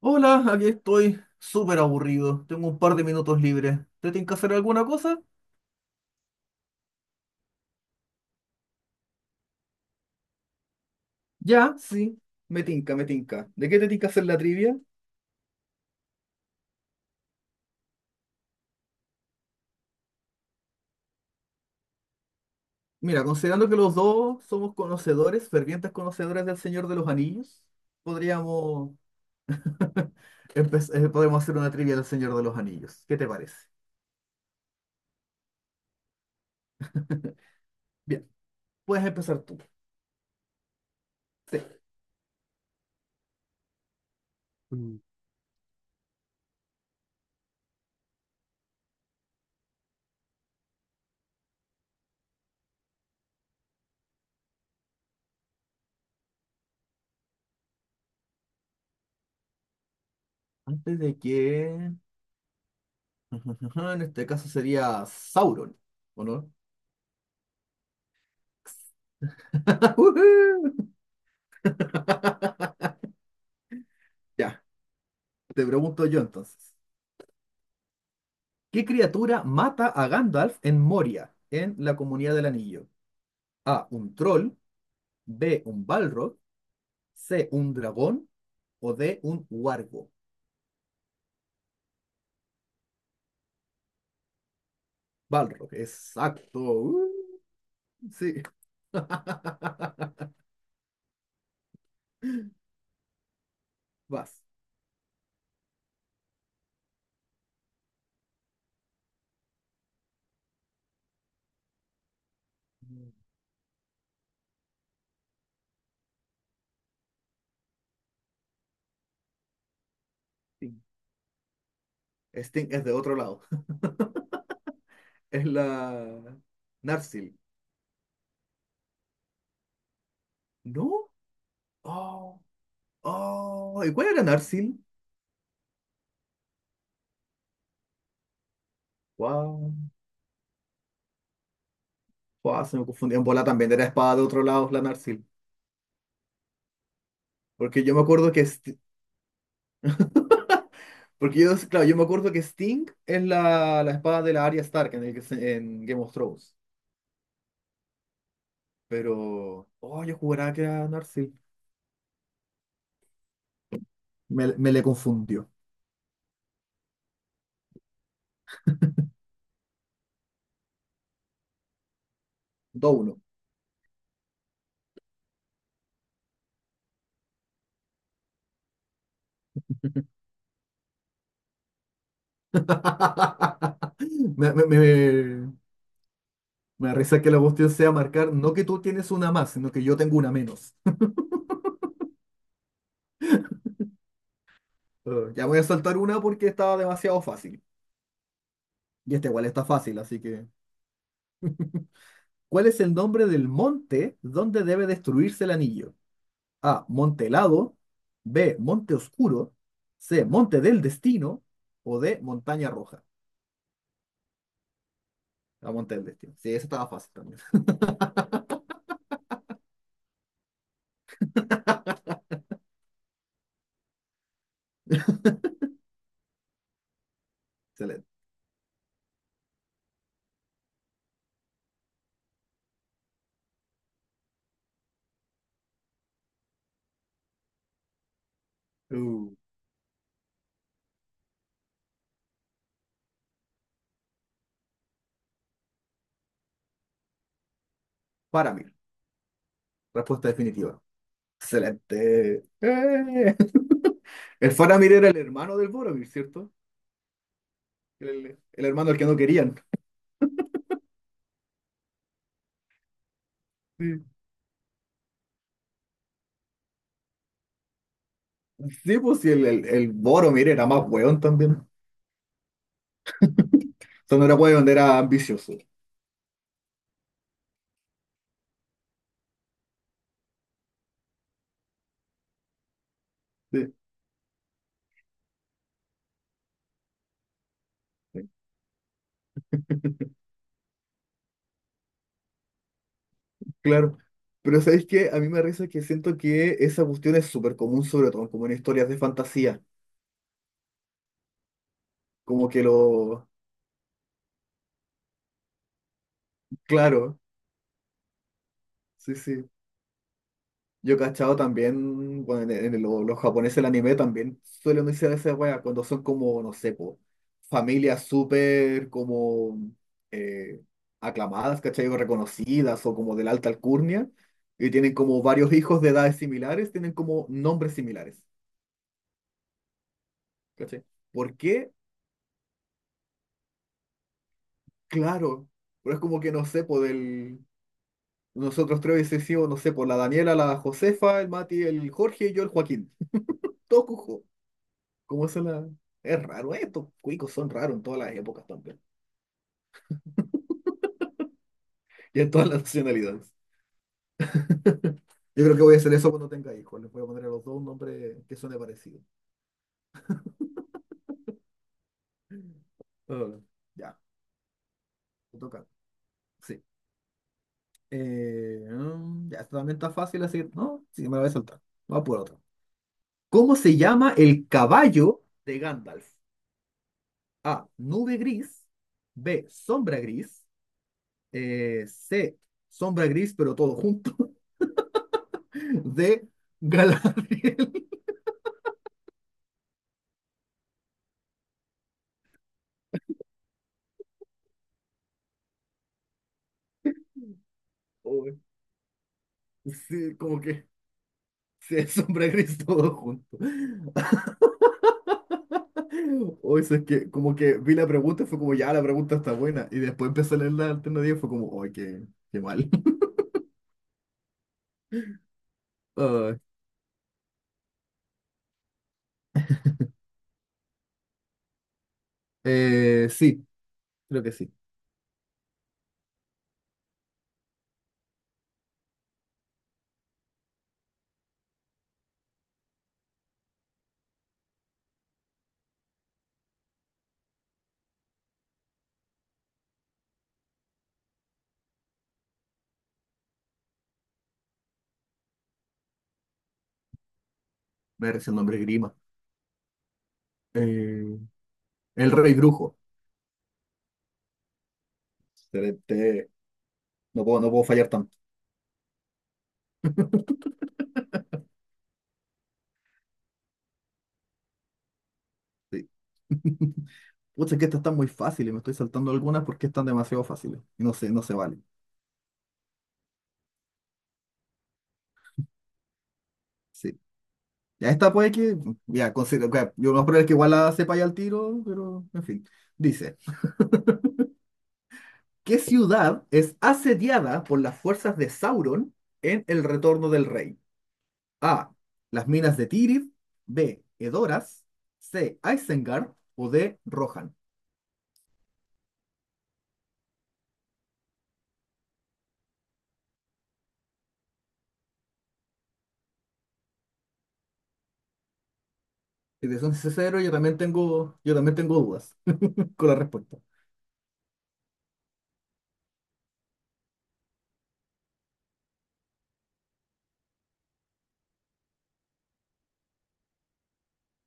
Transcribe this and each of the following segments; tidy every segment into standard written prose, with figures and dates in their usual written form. Hola, aquí estoy súper aburrido. Tengo un par de minutos libres. ¿Te tinca hacer alguna cosa? Ya, sí, me tinca, me tinca. ¿De qué te tinca hacer la trivia? Mira, considerando que los dos somos conocedores, fervientes conocedores del Señor de los Anillos, podríamos podemos hacer una trivia del Señor de los Anillos. ¿Qué te parece? Bien, puedes empezar tú. Sí. Mm. Antes de que. En este caso sería Sauron, ¿o no? ¡Woohoo! Ya, te pregunto yo entonces. ¿Qué criatura mata a Gandalf en Moria, en la Comunidad del Anillo? A, un troll, B, un balrog, C, un dragón o D, un huargo. Balrog, exacto. Sí. Vas. Sting, Sting es de otro lado. Es la Narsil. ¿No? Oh, oh. ¿Y cuál era Narsil? Wow. Wow, se me confundí. En bola también era espada de otro lado, la Narsil. Porque yo me acuerdo que. Porque yo, claro, yo me acuerdo que Sting es la espada de la Arya Stark en, el que en Game of Thrones. Pero, oh, yo juraba que era Narsil. Me le confundió. 2 uno. Me, me, me, me da risa que la cuestión sea marcar, no que tú tienes una más, sino que yo tengo una menos. Ya voy a saltar una porque estaba demasiado fácil. Y esta igual está fácil, así que. ¿Cuál es el nombre del monte donde debe destruirse el anillo? A. Monte helado. B. Monte oscuro. C. Monte del destino. O D. Montaña roja. La monte del destino. Sí, esa estaba fácil también. Excelente. Uh, Faramir. Respuesta definitiva. Excelente. ¡Eh! El Faramir era el hermano del Boromir, ¿cierto? El hermano al que no querían. Sí, sí, pues sí, el Boromir era más hueón también. O sea, no era hueón, era ambicioso. Sí. Claro, pero ¿sabéis qué? A mí me da risa que siento que esa cuestión es súper común, sobre todo como en historias de fantasía. Como que lo. Claro, sí, sí. Yo he cachado también, bueno, en los japoneses el anime también suelen decir esa wea cuando son como, no sé, po, familias súper como eh, aclamadas, ¿cachai? O reconocidas o como de la alta alcurnia y tienen como varios hijos de edades similares, tienen como nombres similares, ¿cachai? ¿Por qué? Claro, pero es como que no sé, por el. Nosotros tres hubiese sido, no sé, por la Daniela, la Josefa, el Mati, el Jorge y yo, el Joaquín. Todo cujo. ¿Cómo se la? Es raro, ¿eh? Estos cuicos son raros en todas las épocas también. Y en todas las nacionalidades. Yo creo que voy a hacer eso cuando tenga hijos. Les voy a poner a los dos un nombre que suene parecido. Ah, ya, me toca. Sí. Ya, esto también está fácil, así que no, sí, me lo voy a saltar. Vamos por otro. ¿Cómo se llama el caballo de Gandalf? A, nube gris. B, sombra gris. C, sombra gris, pero todo junto. D, Galadriel. Uy, sí, como que sí, sombra gris todo junto. O eso es que como que vi la pregunta y fue como, ya, la pregunta está buena. Y después empecé a leer la alternativa y fue como, ay, qué, qué mal. Ay, sí, creo que sí. Me recién nombre Grima. Eh, el rey brujo. Excelente. No puedo, no puedo fallar tanto. Sí. Pucha, que estas están muy fáciles, me estoy saltando algunas porque están demasiado fáciles. Y no sé, no se vale. Sí. Ya esta puede que. Ya, considero, ok, yo no creo que igual la sepa ya al tiro, pero en fin. Dice: ¿Qué ciudad es asediada por las fuerzas de Sauron en El Retorno del Rey? A. Las minas de Tirith. B. Edoras. C. Isengard. O D. Rohan. Si te son sincero, yo también tengo dudas con la respuesta.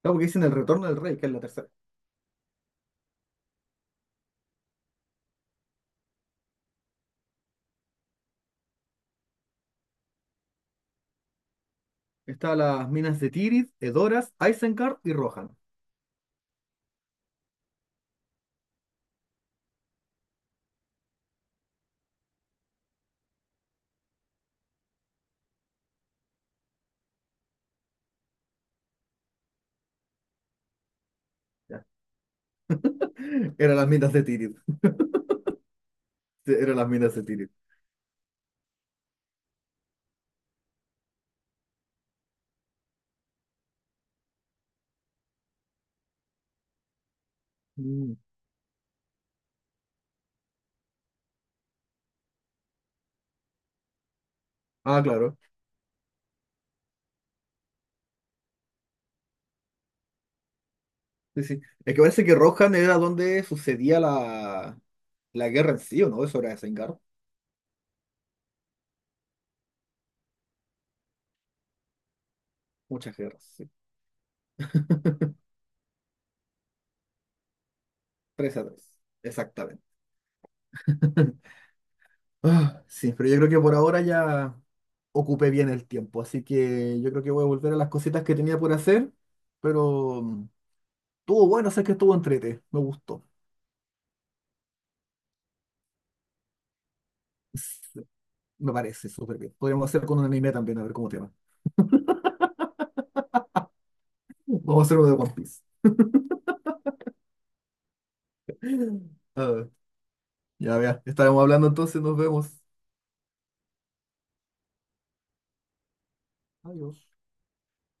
Claro, porque dicen El Retorno del Rey, que es la tercera. Estaban las minas de Tirith, Edoras, Isengard y Rohan. Ya. Eran las minas de Tirith. Sí, eran las minas de Tirith. Mm. Ah, claro. Sí, sí. Es que parece que Rohan era donde sucedía la guerra en sí, ¿o no? Eso era Isengard. Muchas guerras, sí. 3 a tres. Exactamente. Ah, sí, pero yo creo que por ahora ya ocupé bien el tiempo, así que yo creo que voy a volver a las cositas que tenía por hacer, pero estuvo bueno, sé que estuvo entrete, me gustó. Me parece súper bien. Podríamos hacer con un anime también, a ver cómo te va. Vamos a hacer uno de One Piece. Ah, ya, vea. Estaremos hablando entonces, nos vemos. Adiós.